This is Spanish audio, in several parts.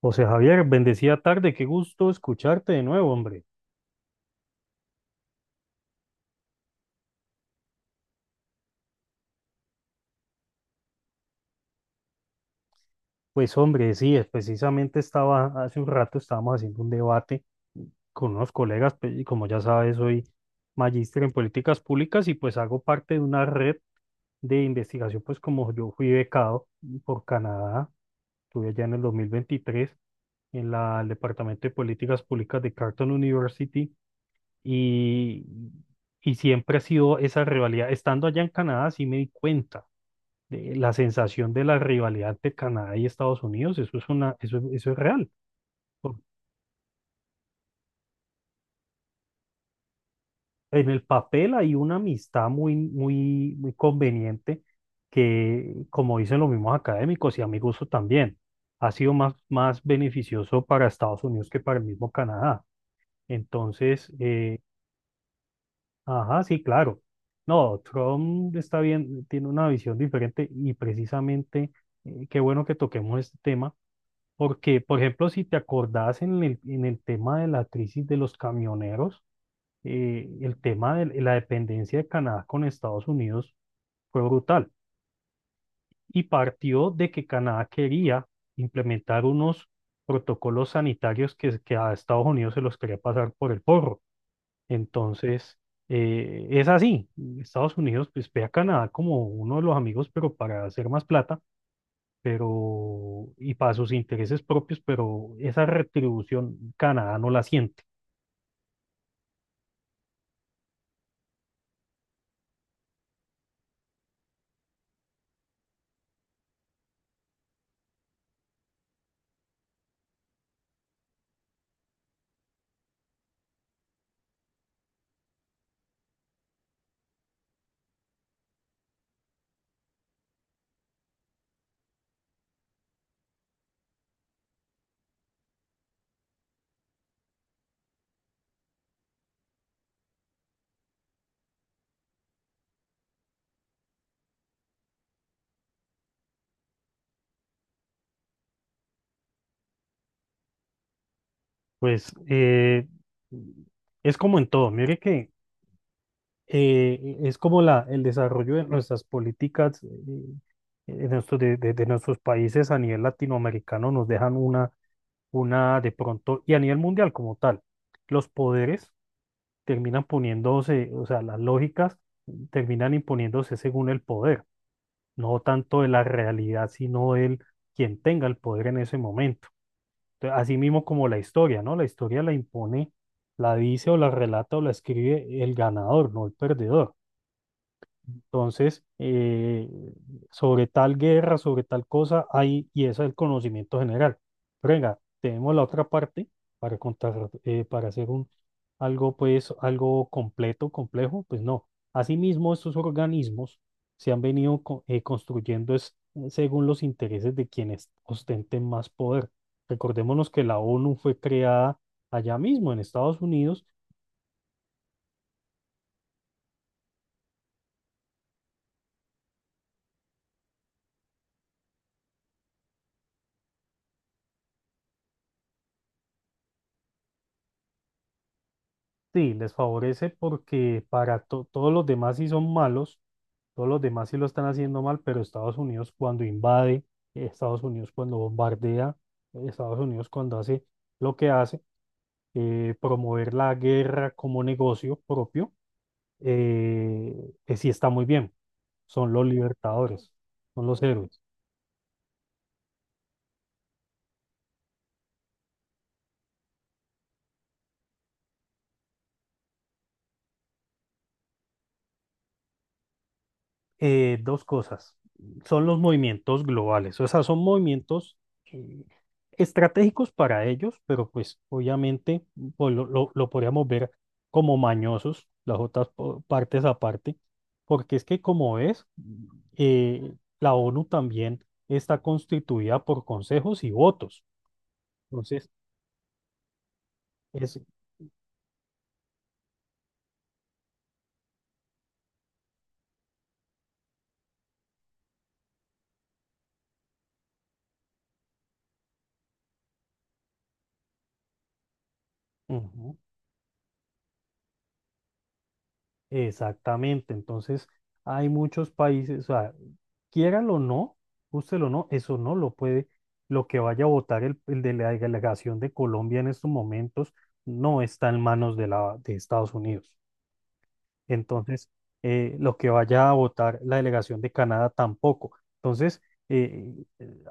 José Javier, bendecida tarde, qué gusto escucharte de nuevo, hombre. Pues hombre, sí, precisamente estaba, hace un rato estábamos haciendo un debate con unos colegas, y como ya sabes, soy magíster en políticas públicas y pues hago parte de una red de investigación, pues como yo fui becado por Canadá, estuve allá en el 2023 en el Departamento de Políticas Públicas de Carleton University y, siempre ha sido esa rivalidad. Estando allá en Canadá, sí me di cuenta de la sensación de la rivalidad de Canadá y Estados Unidos, eso es real. Por- En el papel hay una amistad muy, muy, muy conveniente que, como dicen los mismos académicos y a mi gusto también, ha sido más, beneficioso para Estados Unidos que para el mismo Canadá. Entonces, ajá, sí, claro. No, Trump está bien, tiene una visión diferente y precisamente, qué bueno que toquemos este tema. Porque, por ejemplo, si te acordás en en el tema de la crisis de los camioneros, el tema de la dependencia de Canadá con Estados Unidos fue brutal y partió de que Canadá quería implementar unos protocolos sanitarios que a Estados Unidos se los quería pasar por el porro. Entonces, es así. Estados Unidos pues, ve a Canadá como uno de los amigos, pero para hacer más plata pero y para sus intereses propios, pero esa retribución Canadá no la siente. Pues es como en todo, mire que es como el desarrollo de nuestras políticas, de nuestros países a nivel latinoamericano nos dejan una de pronto, y a nivel mundial como tal, los poderes terminan poniéndose, o sea, las lógicas terminan imponiéndose según el poder. No tanto de la realidad, sino del quien tenga el poder en ese momento. Entonces, así mismo como la historia, ¿no? La historia la impone, la dice o la relata o la escribe el ganador, no el perdedor. Entonces, sobre tal guerra, sobre tal cosa, hay, y ese es el conocimiento general. Pero venga, tenemos la otra parte para contar, para hacer un, algo, pues, algo completo, complejo, pues no. Asimismo, estos organismos se han venido construyendo según los intereses de quienes ostenten más poder. Recordémonos que la ONU fue creada allá mismo en Estados Unidos. Sí, les favorece porque para todos los demás sí son malos. Todos los demás sí lo están haciendo mal, pero Estados Unidos cuando invade, Estados Unidos cuando bombardea, Estados Unidos cuando hace lo que hace, promover la guerra como negocio propio, sí está muy bien. Son los libertadores, son los héroes. Dos cosas. Son los movimientos globales, o sea, son movimientos eh, estratégicos para ellos, pero pues obviamente pues, lo podríamos ver como mañosos, las otras partes aparte, porque es que como ves, eh, la ONU también está constituida por consejos y votos. Entonces, es. Ujú. Exactamente, entonces hay muchos países, o sea, quiéralo o no, úselo o no, eso no lo puede, lo que vaya a votar el de la delegación de Colombia en estos momentos no está en manos de Estados Unidos. Entonces, lo que vaya a votar la delegación de Canadá tampoco. Entonces, eh,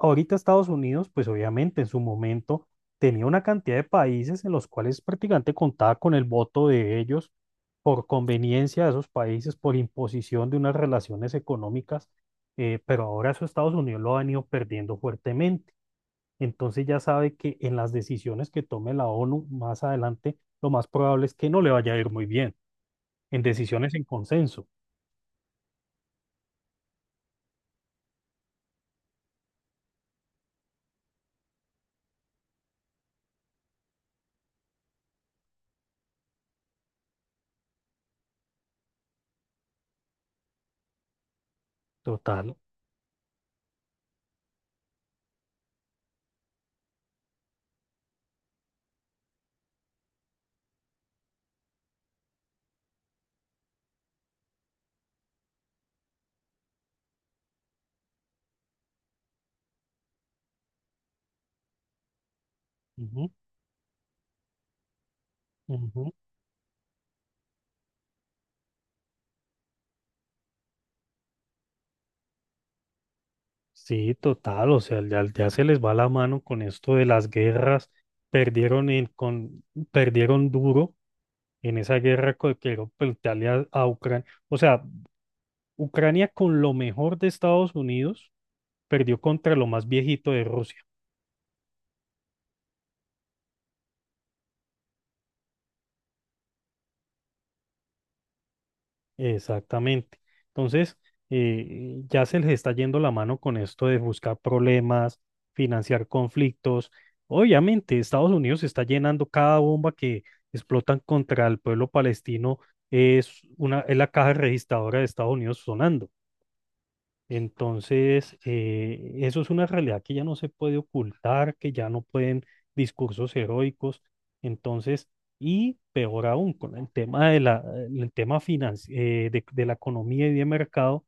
ahorita Estados Unidos, pues obviamente en su momento tenía una cantidad de países en los cuales prácticamente contaba con el voto de ellos por conveniencia de esos países, por imposición de unas relaciones económicas, pero ahora eso Estados Unidos lo ha venido perdiendo fuertemente. Entonces ya sabe que en las decisiones que tome la ONU más adelante, lo más probable es que no le vaya a ir muy bien en decisiones en consenso. Total. Ujú, ujú. Sí, total. O sea, ya, ya se les va la mano con esto de las guerras. Perdieron, perdieron duro en esa guerra que dio Italia a Ucrania. O sea, Ucrania con lo mejor de Estados Unidos perdió contra lo más viejito de Rusia. Exactamente. Entonces, ya se les está yendo la mano con esto de buscar problemas, financiar conflictos. Obviamente, Estados Unidos está llenando cada bomba que explotan contra el pueblo palestino, es la caja registradora de Estados Unidos sonando. Entonces, eso es una realidad que ya no se puede ocultar, que ya no pueden discursos heroicos. Entonces, y peor aún, con el tema de el tema de la economía y de mercado,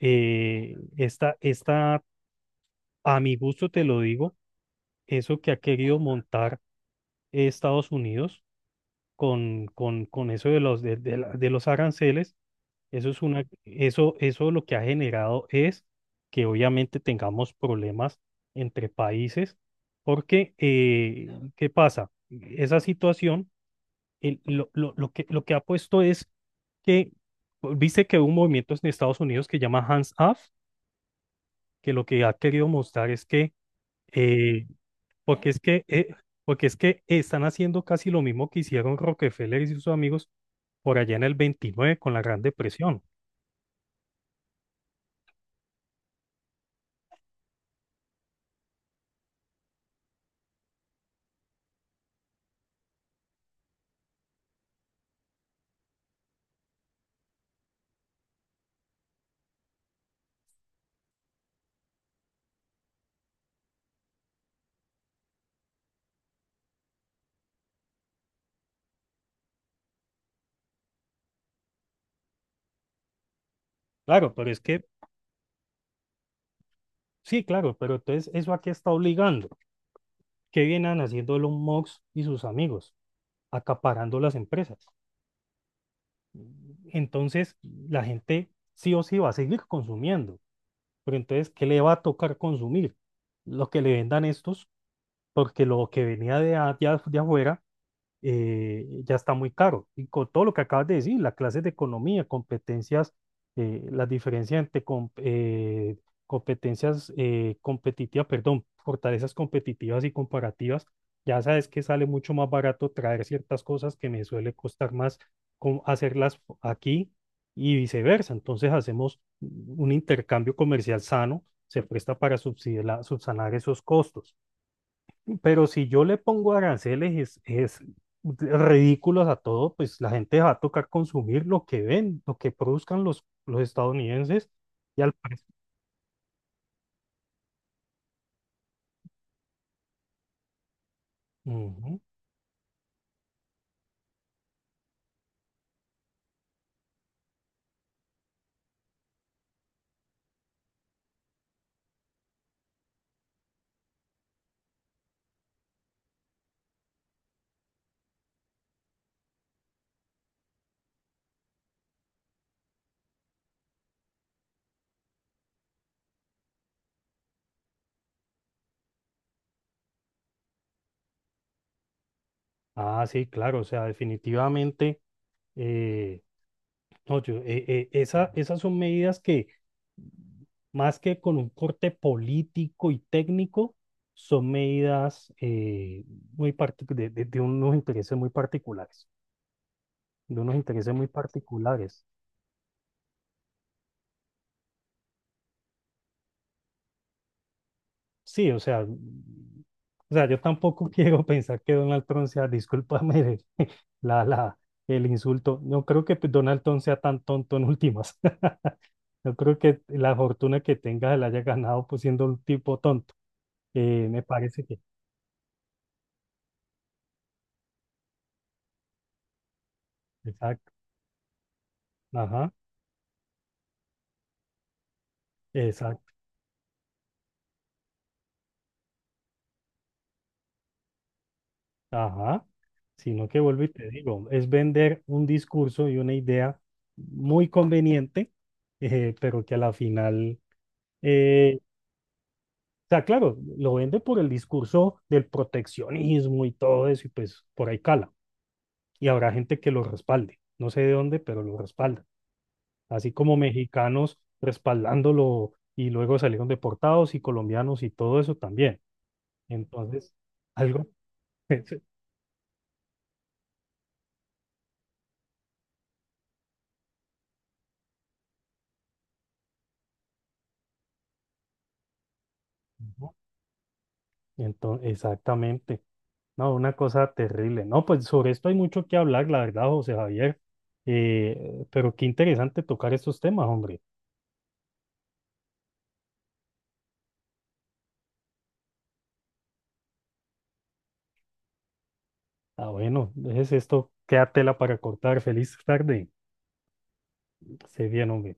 esta, a mi gusto te lo digo, eso que ha querido montar Estados Unidos con eso de los, de los aranceles. Eso eso lo que ha generado es que obviamente tengamos problemas entre países, porque, claro. ¿Qué pasa? Esa situación, lo que ha puesto es que, pues, viste que hubo un movimiento en Estados Unidos que llama Hands Off, que lo que ha querido mostrar es que eh, porque es que, eh, porque es que están haciendo casi lo mismo que hicieron Rockefeller y sus amigos por allá en el 29 con la Gran Depresión. Claro, pero es que, sí, claro, pero entonces, ¿eso a qué está obligando? ¿Qué vienen haciendo Elon Musk y sus amigos? Acaparando las empresas. Entonces la gente sí o sí va a seguir consumiendo. Pero entonces, ¿qué le va a tocar consumir? Lo que le vendan estos, porque lo que venía de afuera ya está muy caro. Y con todo lo que acabas de decir, las clases de economía, competencias, las diferencias entre competencias competitivas, perdón, fortalezas competitivas y comparativas, ya sabes que sale mucho más barato traer ciertas cosas que me suele costar más hacerlas aquí y viceversa. Entonces hacemos un intercambio comercial sano, se presta para subsanar esos costos. Pero si yo le pongo aranceles es ridículos a todo, pues la gente va a tocar consumir lo que ven, lo que produzcan los estadounidenses y al precio. Ujú. Ah, sí, claro, o sea, definitivamente, eh, no, esas son medidas que más que con un corte político y técnico, son medidas muy partic- de unos intereses muy particulares, de unos intereses muy particulares. Sí, o sea, yo tampoco quiero pensar que Donald Trump sea, discúlpame, la, la, el insulto. No creo que pues, Donald Trump sea tan tonto en últimas. No creo que la fortuna que tenga se la haya ganado pues siendo un tipo tonto. Me parece que, exacto, ajá, exacto, ajá. Sino que vuelvo y te digo, es vender un discurso y una idea muy conveniente, pero que a la final eh, sea, claro, lo vende por el discurso del proteccionismo y todo eso, y pues por ahí cala. Y habrá gente que lo respalde. No sé de dónde, pero lo respalda. Así como mexicanos respaldándolo y luego salieron deportados y colombianos y todo eso también. Entonces, algo. Entonces, exactamente. No, una cosa terrible. No, pues sobre esto hay mucho que hablar, la verdad, José Javier. Pero qué interesante tocar estos temas, hombre. Ah, bueno, es esto. Queda tela para cortar. Feliz tarde. Se bien, hombre.